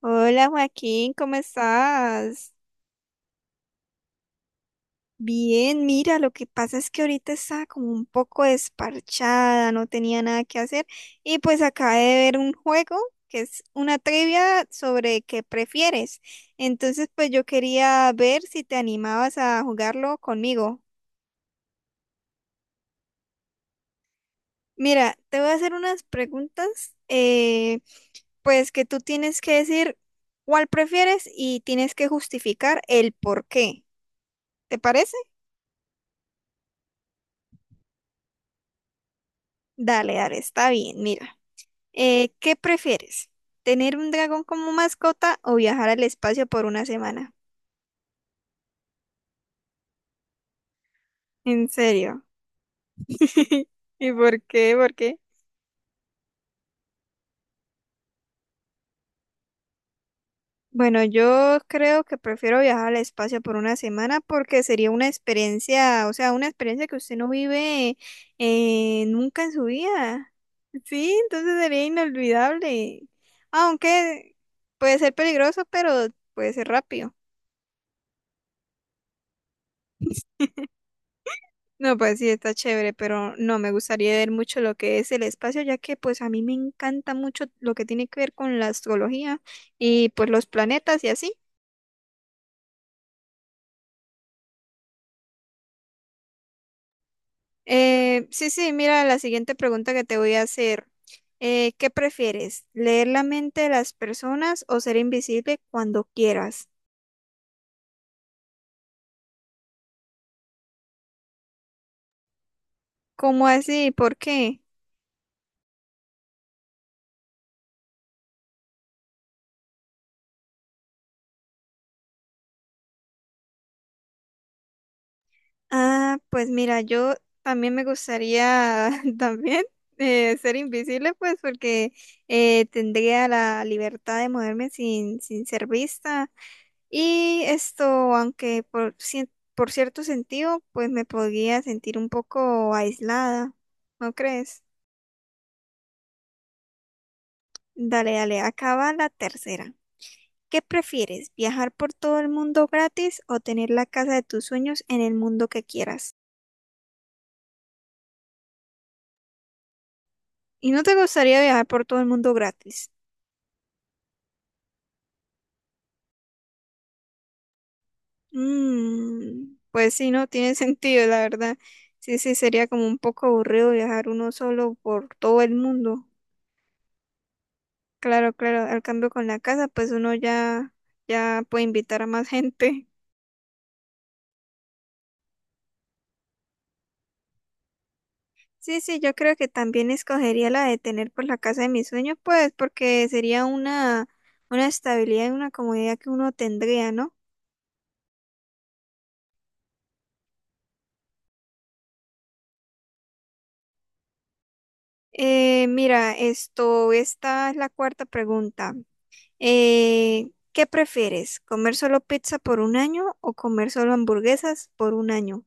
Hola Joaquín, ¿cómo estás? Bien, mira, lo que pasa es que ahorita estaba como un poco desparchada, no tenía nada que hacer y pues acabé de ver un juego que es una trivia sobre qué prefieres. Entonces pues yo quería ver si te animabas a jugarlo conmigo. Mira, te voy a hacer unas preguntas, pues que tú tienes que decir cuál prefieres y tienes que justificar el por qué. ¿Te parece? Dale, dale, está bien. Mira, ¿qué prefieres? ¿Tener un dragón como mascota o viajar al espacio por una semana? En serio. ¿Y por qué? ¿Por qué? Bueno, yo creo que prefiero viajar al espacio por una semana porque sería una experiencia, o sea, una experiencia que usted no vive nunca en su vida. Sí, entonces sería inolvidable. Aunque puede ser peligroso, pero puede ser rápido. No, pues sí, está chévere, pero no, me gustaría ver mucho lo que es el espacio, ya que pues a mí me encanta mucho lo que tiene que ver con la astrología y pues los planetas y así. Sí, sí, mira la siguiente pregunta que te voy a hacer. ¿Qué prefieres? ¿Leer la mente de las personas o ser invisible cuando quieras? ¿Cómo así? ¿Por qué? Ah, pues mira, yo también me gustaría también ser invisible, pues porque tendría la libertad de moverme sin ser vista. Y esto, aunque por, por cierto sentido, pues me podría sentir un poco aislada, ¿no crees? Dale, dale, acaba la tercera. ¿Qué prefieres, viajar por todo el mundo gratis o tener la casa de tus sueños en el mundo que quieras? ¿Y no te gustaría viajar por todo el mundo gratis? Mm, pues sí, no tiene sentido, la verdad. Sí, sí, sería como un poco aburrido viajar uno solo por todo el mundo. Claro, claro, al cambio con la casa, pues uno ya, ya puede invitar a más gente. Sí, sí, yo creo que también escogería la de tener por la casa de mis sueños, pues, porque sería una estabilidad y una comodidad que uno tendría, ¿no? Mira, esto, esta es la cuarta pregunta. ¿Qué prefieres? ¿Comer solo pizza por un año o comer solo hamburguesas por un año?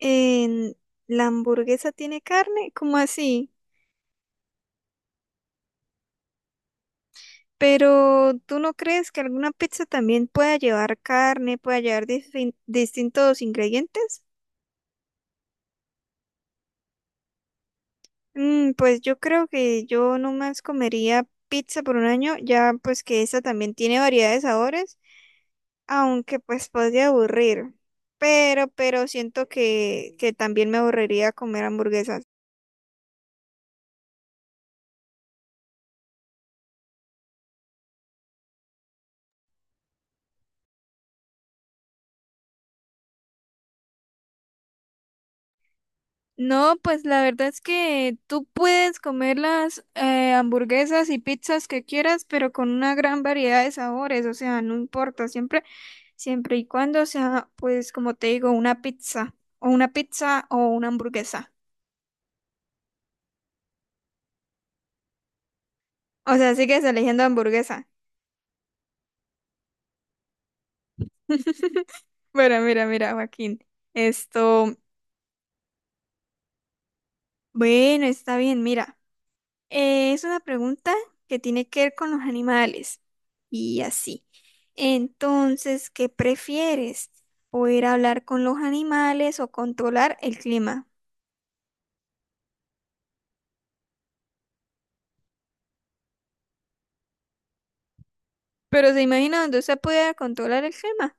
En- ¿La hamburguesa tiene carne? ¿Cómo así? Pero ¿tú no crees que alguna pizza también pueda llevar carne, pueda llevar distintos ingredientes? Mm, pues yo creo que yo nomás comería pizza por un año, ya pues que esa también tiene variedad de sabores, aunque pues podría aburrir, pero siento que también me aburriría comer hamburguesas. No, pues la verdad es que tú puedes comer las hamburguesas y pizzas que quieras, pero con una gran variedad de sabores, o sea, no importa, siempre, siempre y cuando sea, pues como te digo, una pizza o una pizza o una hamburguesa. O sea, sigues eligiendo hamburguesa. Bueno, mira, Joaquín. Esto, bueno, está bien, mira. Es una pregunta que tiene que ver con los animales y así. Entonces, ¿qué prefieres? ¿Poder hablar con los animales o controlar el clima? Pero se imagina donde usted puede controlar el clima.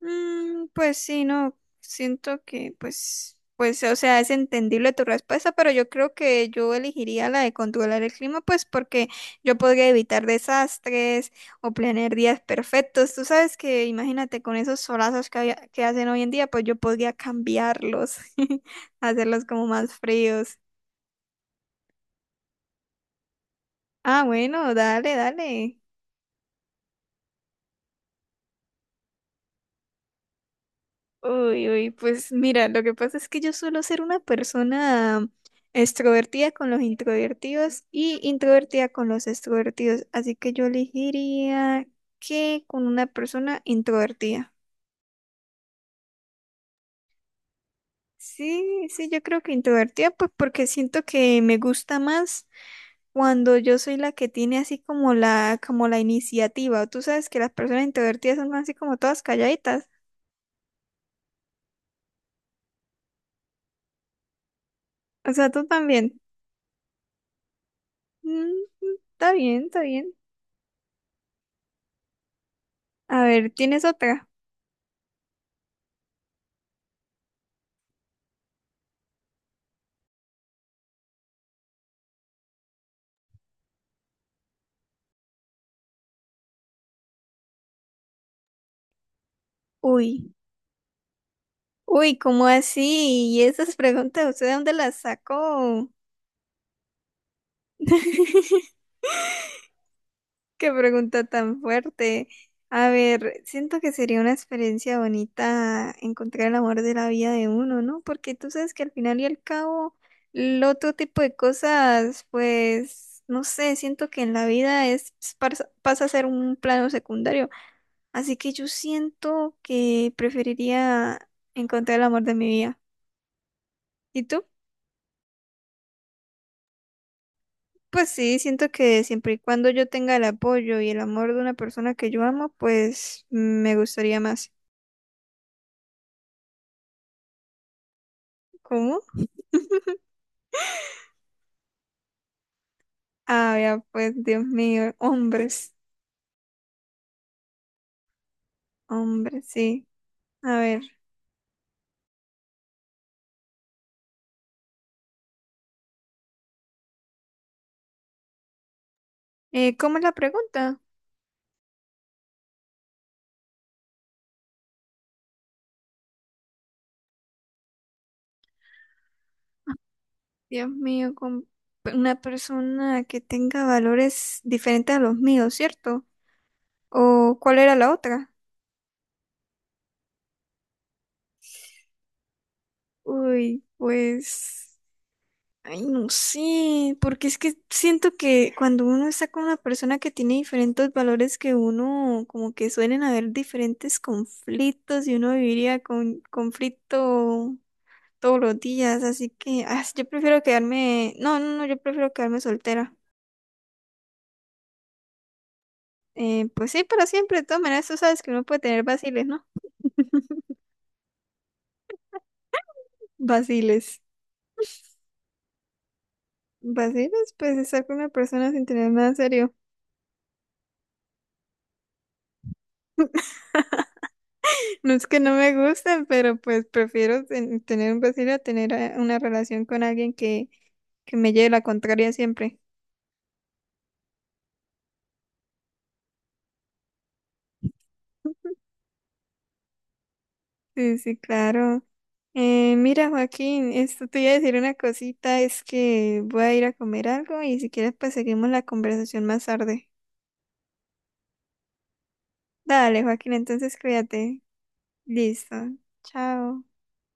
Mm, pues sí, no, siento que pues, o sea, es entendible tu respuesta, pero yo creo que yo elegiría la de controlar el clima, pues porque yo podría evitar desastres o planear días perfectos. Tú sabes que, imagínate, con esos solazos que hacen hoy en día, pues yo podría cambiarlos, hacerlos como más fríos. Ah, bueno, dale, dale. Uy, uy, pues mira, lo que pasa es que yo suelo ser una persona extrovertida con los introvertidos y introvertida con los extrovertidos, así que yo elegiría que con una persona introvertida. Sí, sí, yo creo que introvertida, pues porque siento que me gusta más cuando yo soy la que tiene así como como la iniciativa. Tú sabes que las personas introvertidas son así como todas calladitas. O sea, tú también. Mm, mm, está bien, está bien. A ver, ¿tienes otra? Uy, uy, ¿cómo así? ¿Y esas preguntas, usted de dónde las sacó? Qué pregunta tan fuerte. A ver, siento que sería una experiencia bonita encontrar el amor de la vida de uno, ¿no? Porque tú sabes que al final y al cabo, el otro tipo de cosas, pues, no sé, siento que en la vida es pasa a ser un plano secundario. Así que yo siento que preferiría encontrar el amor de mi vida. ¿Y tú? Pues sí, siento que siempre y cuando yo tenga el apoyo y el amor de una persona que yo amo, pues me gustaría más. ¿Cómo? Ah, ya, pues Dios mío, hombres, hombres, sí. A ver, ¿cómo es la pregunta? Dios mío, con una persona que tenga valores diferentes a los míos, ¿cierto? ¿O cuál era la otra? Uy, pues... Ay, no sé, porque es que siento que cuando uno está con una persona que tiene diferentes valores que uno, como que suelen haber diferentes conflictos y uno viviría con conflicto todos los días, así que ah, yo prefiero quedarme, no, no, no, yo prefiero quedarme soltera. Pues sí, para siempre, de todas maneras, tú sabes que uno puede tener vaciles, ¿no? Vaciles. Vaciles, pues estar con una persona sin tener nada serio. No es que no me gusten, pero pues prefiero tener un vacío a tener una relación con alguien que me lleve la contraria siempre. Sí, sí, claro. Mira, Joaquín, esto te iba a decir una cosita, es que voy a ir a comer algo y si quieres pues seguimos la conversación más tarde. Dale, Joaquín, entonces cuídate. Listo. Chao.